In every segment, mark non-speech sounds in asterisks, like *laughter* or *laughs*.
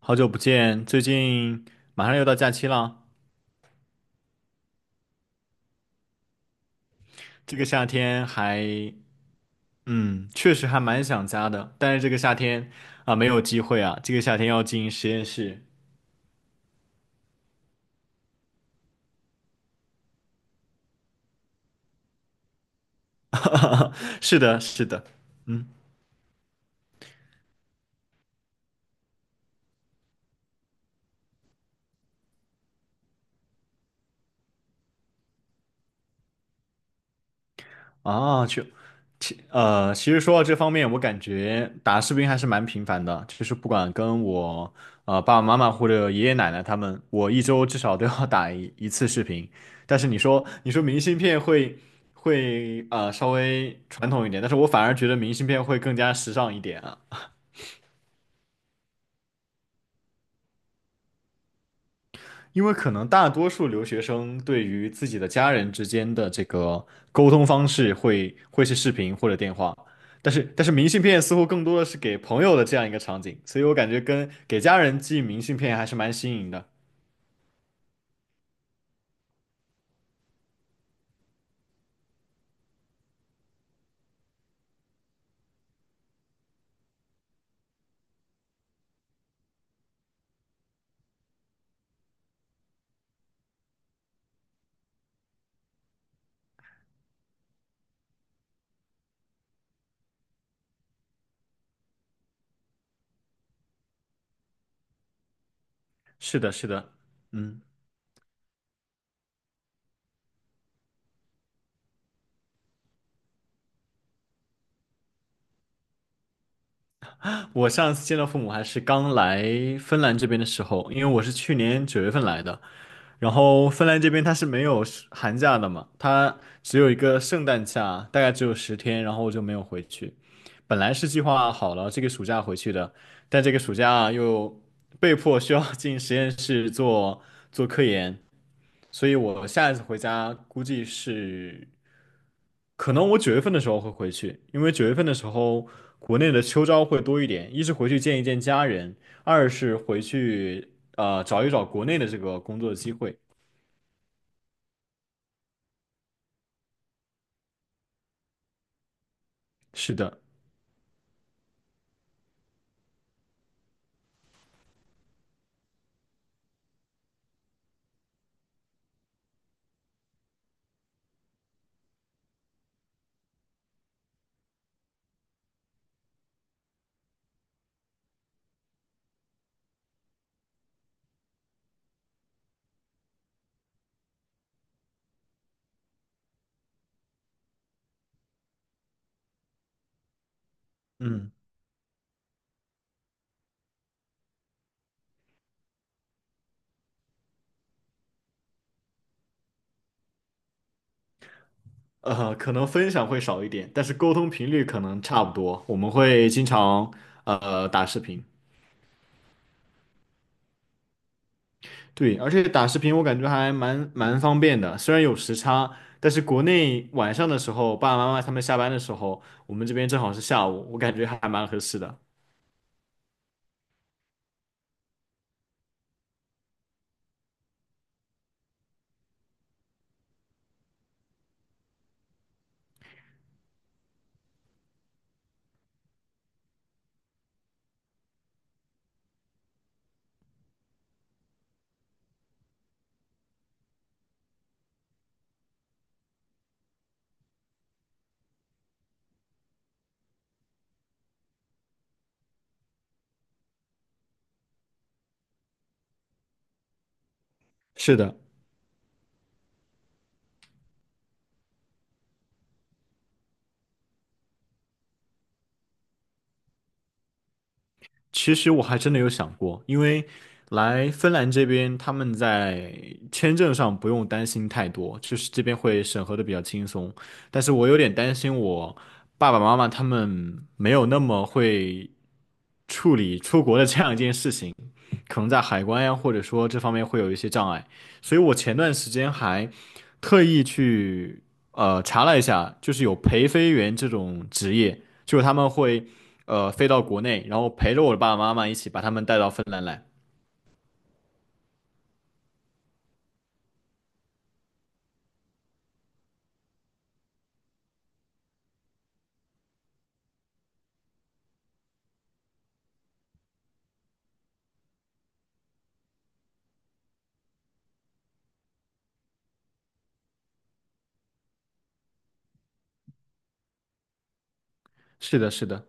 好久不见，最近马上又到假期了。这个夏天还，确实还蛮想家的，但是这个夏天啊，没有机会啊，这个夏天要进实验室。*laughs* 是的，是的。嗯，啊，去。其实说到这方面，我感觉打视频还是蛮频繁的，就是不管跟我爸爸妈妈或者爷爷奶奶他们，我一周至少都要打一次视频。但是你说明信片会稍微传统一点，但是我反而觉得明信片会更加时尚一点啊。因为可能大多数留学生对于自己的家人之间的这个沟通方式会是视频或者电话，但是明信片似乎更多的是给朋友的这样一个场景，所以我感觉跟给家人寄明信片还是蛮新颖的。是的，是的。嗯，我上次见到父母还是刚来芬兰这边的时候，因为我是去年九月份来的，然后芬兰这边它是没有是寒假的嘛，它只有一个圣诞假，大概只有十天，然后我就没有回去。本来是计划好了这个暑假回去的，但这个暑假又被迫需要 *laughs* 进实验室做做科研，所以我下一次回家估计是可能我九月份的时候会回去，因为九月份的时候国内的秋招会多一点，一是回去见一见家人，二是回去找一找国内的这个工作机会。是的。嗯，可能分享会少一点，但是沟通频率可能差不多。我们会经常打视频。对，而且打视频我感觉还蛮方便的，虽然有时差，但是国内晚上的时候，爸爸妈妈他们下班的时候，我们这边正好是下午，我感觉还蛮合适的。是的。其实我还真的有想过，因为来芬兰这边，他们在签证上不用担心太多，就是这边会审核的比较轻松。但是我有点担心我爸爸妈妈他们没有那么会处理出国的这样一件事情，可能在海关呀，或者说这方面会有一些障碍。所以我前段时间还特意去查了一下，就是有陪飞员这种职业，就是他们会飞到国内，然后陪着我的爸爸妈妈一起把他们带到芬兰来。是的，是的。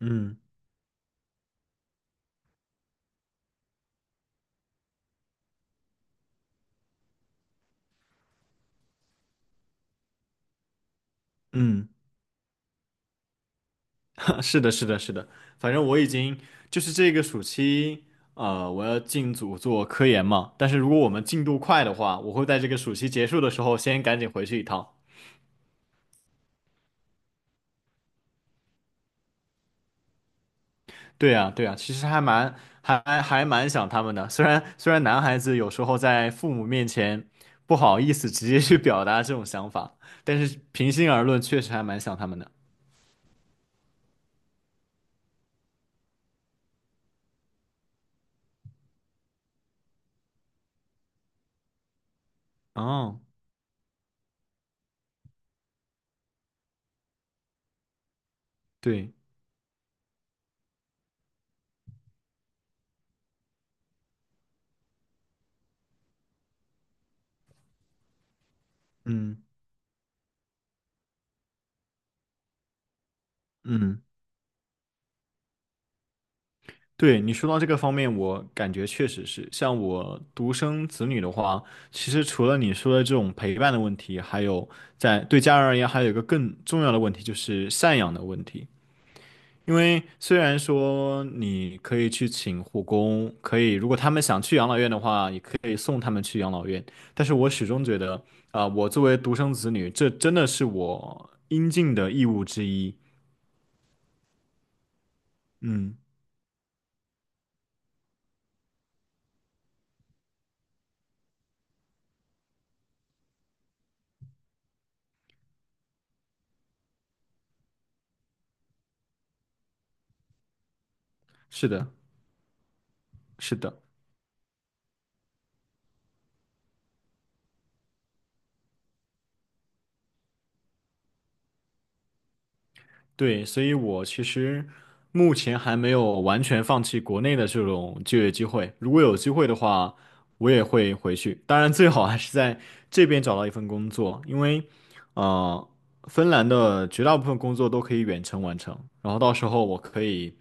嗯嗯。*laughs* 是的，是的，是的。反正我已经就是这个暑期，我要进组做科研嘛。但是如果我们进度快的话，我会在这个暑期结束的时候先赶紧回去一趟。对呀，对呀，其实还蛮还蛮想他们的。虽然男孩子有时候在父母面前不好意思直接去表达这种想法，但是平心而论，确实还蛮想他们的。哦，对。嗯嗯。对，你说到这个方面，我感觉确实是，像我独生子女的话，其实除了你说的这种陪伴的问题，还有在对家人而言，还有一个更重要的问题，就是赡养的问题。因为虽然说你可以去请护工，可以如果他们想去养老院的话，也可以送他们去养老院。但是我始终觉得，啊、我作为独生子女，这真的是我应尽的义务之一。嗯，是的，是的。对，所以我其实目前还没有完全放弃国内的这种就业机会。如果有机会的话，我也会回去。当然，最好还是在这边找到一份工作，因为呃，芬兰的绝大部分工作都可以远程完成。然后到时候我可以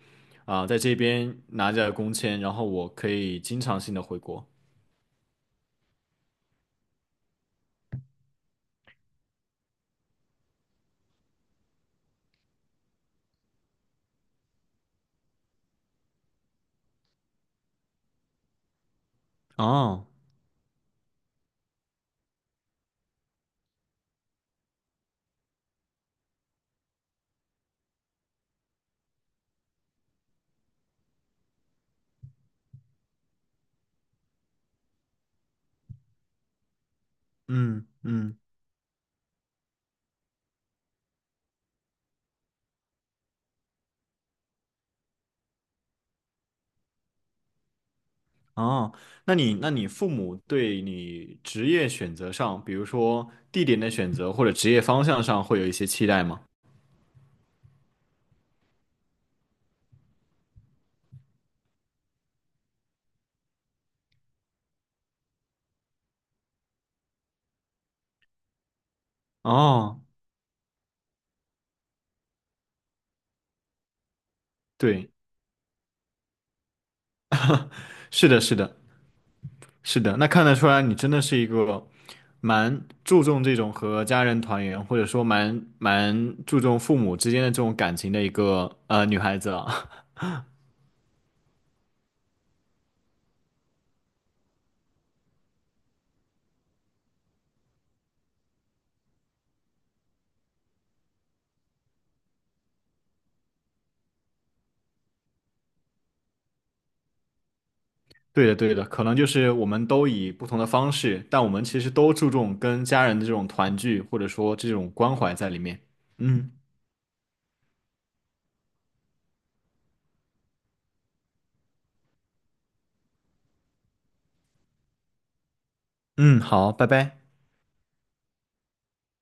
啊、在这边拿着工签，然后我可以经常性的回国。哦。嗯嗯。哦，那你父母对你职业选择上，比如说地点的选择或者职业方向上，会有一些期待吗？哦，对，是的，是的，是的，那看得出来你真的是一个蛮注重这种和家人团圆，或者说蛮注重父母之间的这种感情的一个女孩子啊。*laughs* 对的，对的，可能就是我们都以不同的方式，但我们其实都注重跟家人的这种团聚，或者说这种关怀在里面。嗯。嗯，好，拜拜。